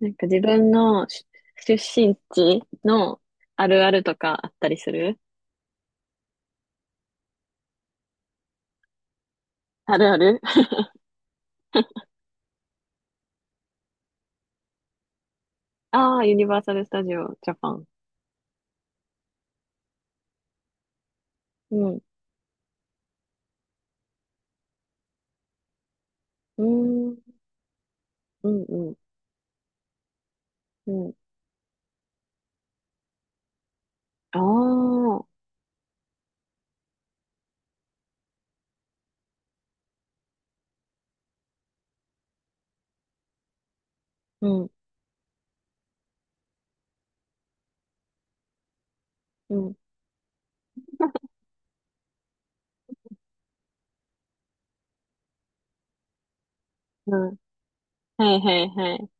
なんか自分の出身地のあるあるとかあったりする。あるある。 ああー、ユニバーサル・スタジオ・ジャパン。うん。うーん。うん、うん、うん。ああ。うん、うん、うん。はいはいはい。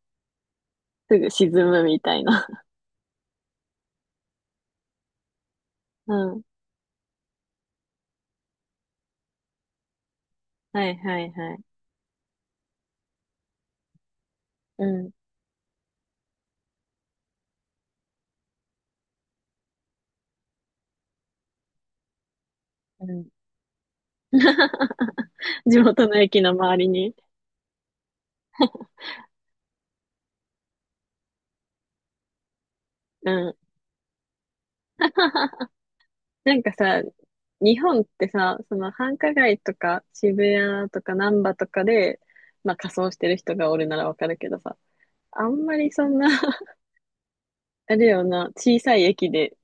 すぐ沈むみたいな。うん。はいはいはい。うん、うん。地元の駅の周りに。うん。なんかさ、日本ってさ、その繁華街とか渋谷とか難波とかで、まあ仮装してる人がおるならわかるけどさ、あんまりそんな。 あれよな、小さい駅で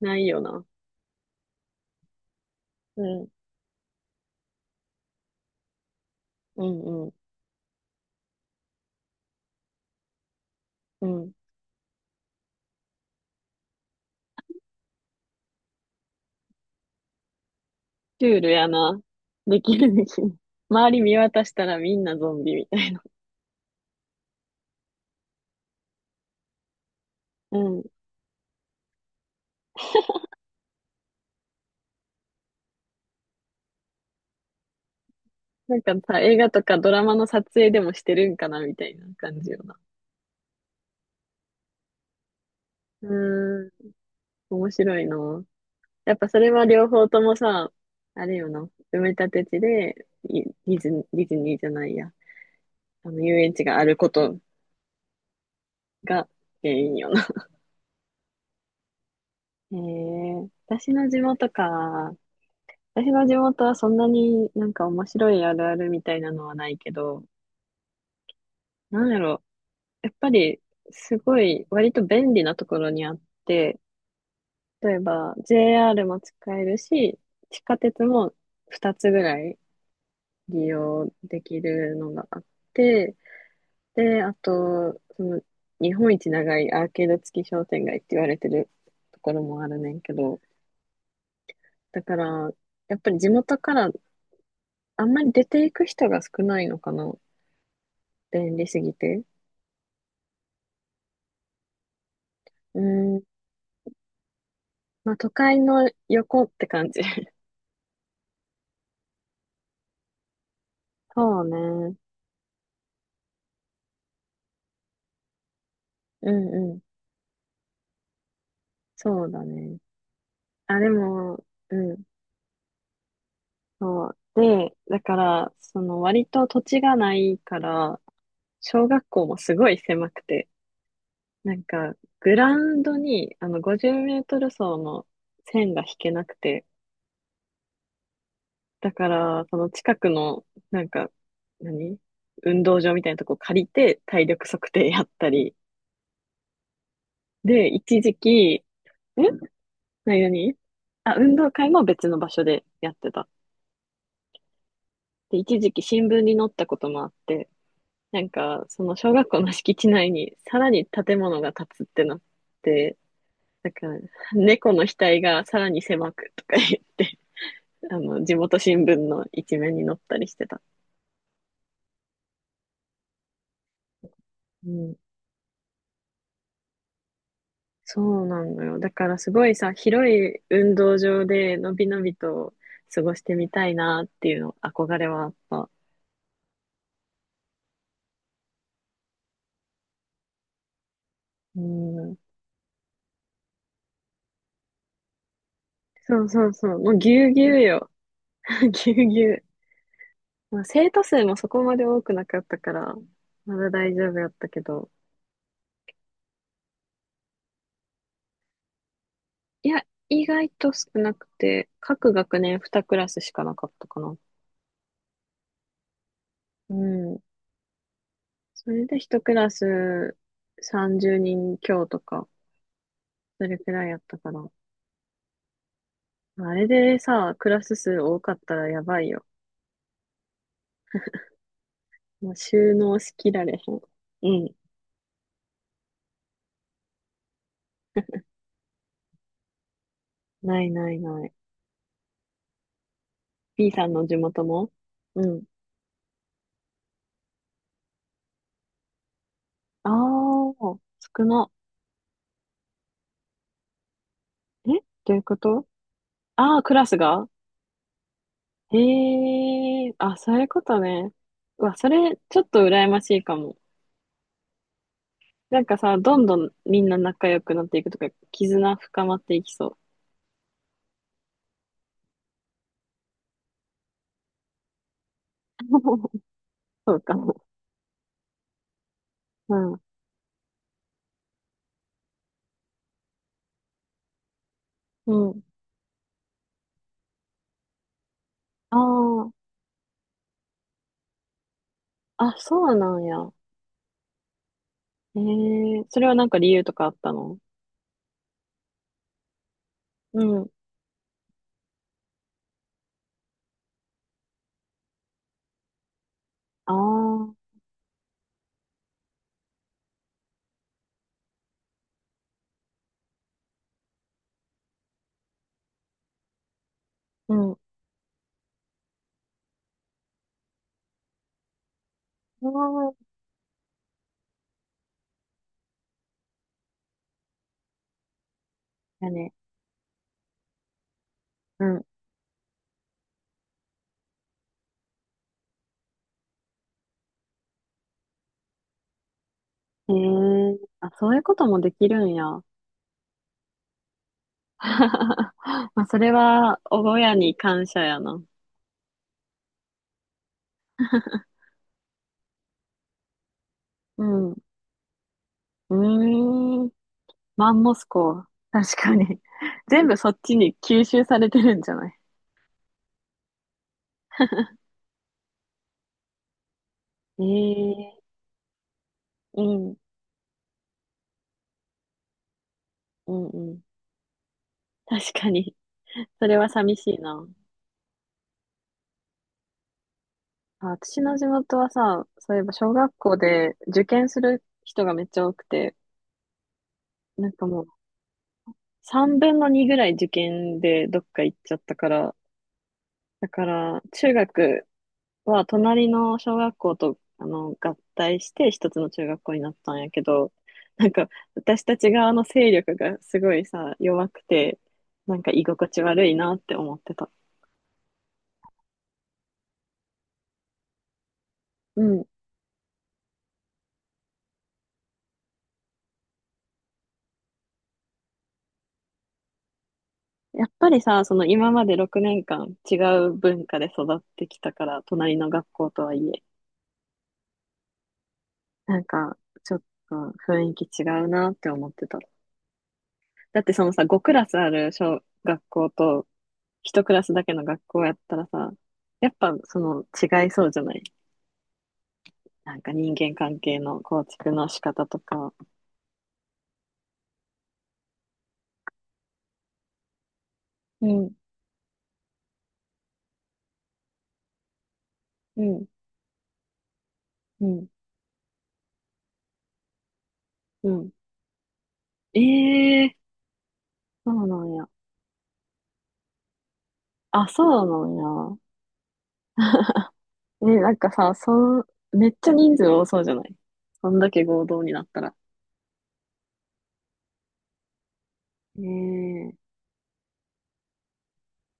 ないよな。うん、うん、うん、うん。シュールやな。できるできる。周り見渡したらみんなゾンビみたいな。うん。なんかさ、映画とかドラマの撮影でもしてるんかなみたいな感じよな。うーん、面白いな。やっぱそれは両方ともさ、あれよな、埋め立て地で、いディズニー、ディズニーじゃないや、あの、遊園地があることが原因よな。へえ。私の地元か。私の地元はそんなになんか面白いあるあるみたいなのはないけど、なんやろ、やっぱりすごい割と便利なところにあって、例えば JR も使えるし、地下鉄も2つぐらい利用できるのがあって、で、あと、その、日本一長いアーケード付き商店街って言われてるところもあるねんけど、だから、やっぱり地元からあんまり出ていく人が少ないのかな。便利すぎて。うん。まあ、都会の横って感じ。そうね。うんうん。そうだね。あ、でも、うん。そう。で、だから、その割と土地がないから、小学校もすごい狭くて、なんか、グラウンドに、あの、50メートル走の線が引けなくて、だから、その近くの、なんか、何運動場みたいなとこ借りて、体力測定やったり、で、一時期、ん何何あ、運動会も別の場所でやってた。で、一時期新聞に載ったこともあって、なんか、その小学校の敷地内にさらに建物が建つってなって、なんか、猫の額がさらに狭くとか言って、あの、地元新聞の一面に載ったりしてた。うん。そうなのよ。だからすごいさ、広い運動場でのびのびと過ごしてみたいなっていうの、憧れはあった。うん。そうそうそう。もうぎゅうぎゅうよ。ぎゅうぎゅう。まあ、生徒数もそこまで多くなかったから、まだ大丈夫やったけど。いや、意外と少なくて、各学年2クラスしかなかったかな。うん。それで1クラス30人強とか。それくらいやったかな。あれでさ、クラス数多かったらやばいよ。もう収納しきられへん。うん。ないないない。B さんの地元も、うん。ああ、少な。え？どういうこと？ああー、クラスが。へえ、あ、そういうことね。うわ、それ、ちょっと羨ましいかも。なんかさ、どんどんみんな仲良くなっていくとか、絆深まっていきそう。そうかも。うん。うん。ああ、あ、そうなんや。ええ？それはなんか理由とかあったの？うん。ああ、うん。ああ、やね。うん。ええ？あ、そういうこともできるんや。まあ、それは、親に感謝やな。うん。うーん。マンモスコ。確かに。全部そっちに吸収されてるんじゃない？ええ、うん。うんうん。確かに。それは寂しいな。あ、私の地元はさ、そういえば小学校で受験する人がめっちゃ多くて、なんかもう3分の2ぐらい受験でどっか行っちゃったから、だから中学は隣の小学校とあの合体して一つの中学校になったんやけど、なんか私たち側の勢力がすごいさ、弱くて、なんか居心地悪いなって思ってた。うん。やっぱりさ、その今まで6年間違う文化で育ってきたから、隣の学校とはいえ、なんかちょっと雰囲気違うなって思ってた。だってそのさ、5クラスある小学校と1クラスだけの学校やったらさ、やっぱその違いそうじゃない？なんか人間関係の構築の仕方とか。うん、うん、うん、うん。ええー、そうなんや。あ、そうなんや。ね、なんかさ、ん、めっちゃ人数多そうじゃない？そんだけ合同になったら。ねえ。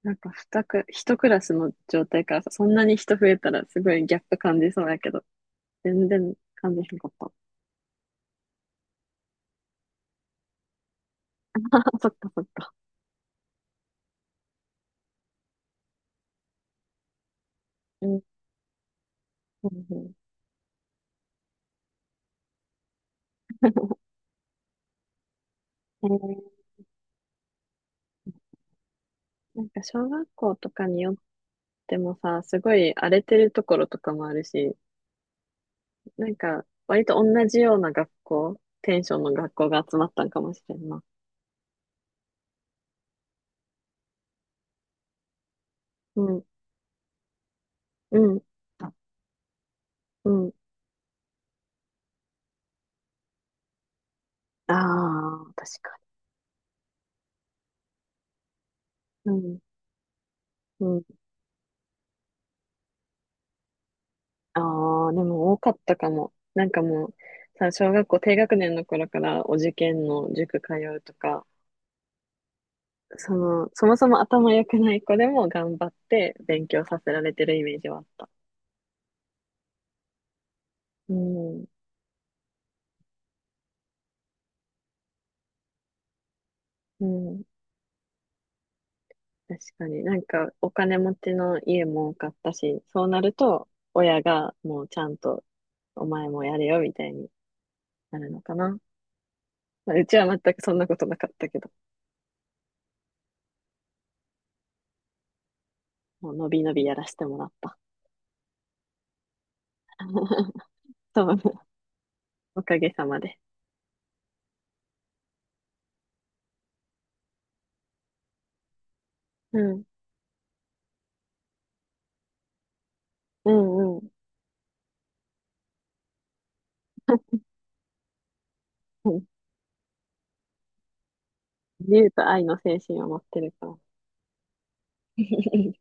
なんか一クラスの状態からさ、そんなに人増えたらすごいギャップ感じそうやけど、全然感じへんかった。そっかそっか。うん、うんうん。ねえー、なんか小学校とかによってもさ、すごい荒れてるところとかもあるし、なんか割と同じような学校、テンションの学校が集まったんかもしれんな。うん、うん、うん。ああ、確か、うん。うん。ああ、でも多かったかも。なんかもう、さ、小学校低学年の頃からお受験の塾通うとか、その、そもそも頭良くない子でも頑張って勉強させられてるイメージはあった。うん。うん。確かに。なんか、お金持ちの家も多かったし、そうなると、親がもうちゃんと、お前もやれよ、みたいになるのかな。まあ、うちは全くそんなことなかったけど、もうのびのびやらせてもらった。そう、おかげさまで。うん。うんうん。う自由と愛の精神を持ってるから。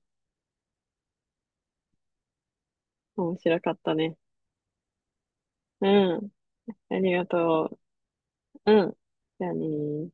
面白かったね。うん。ありがとう。うん。じゃあねー。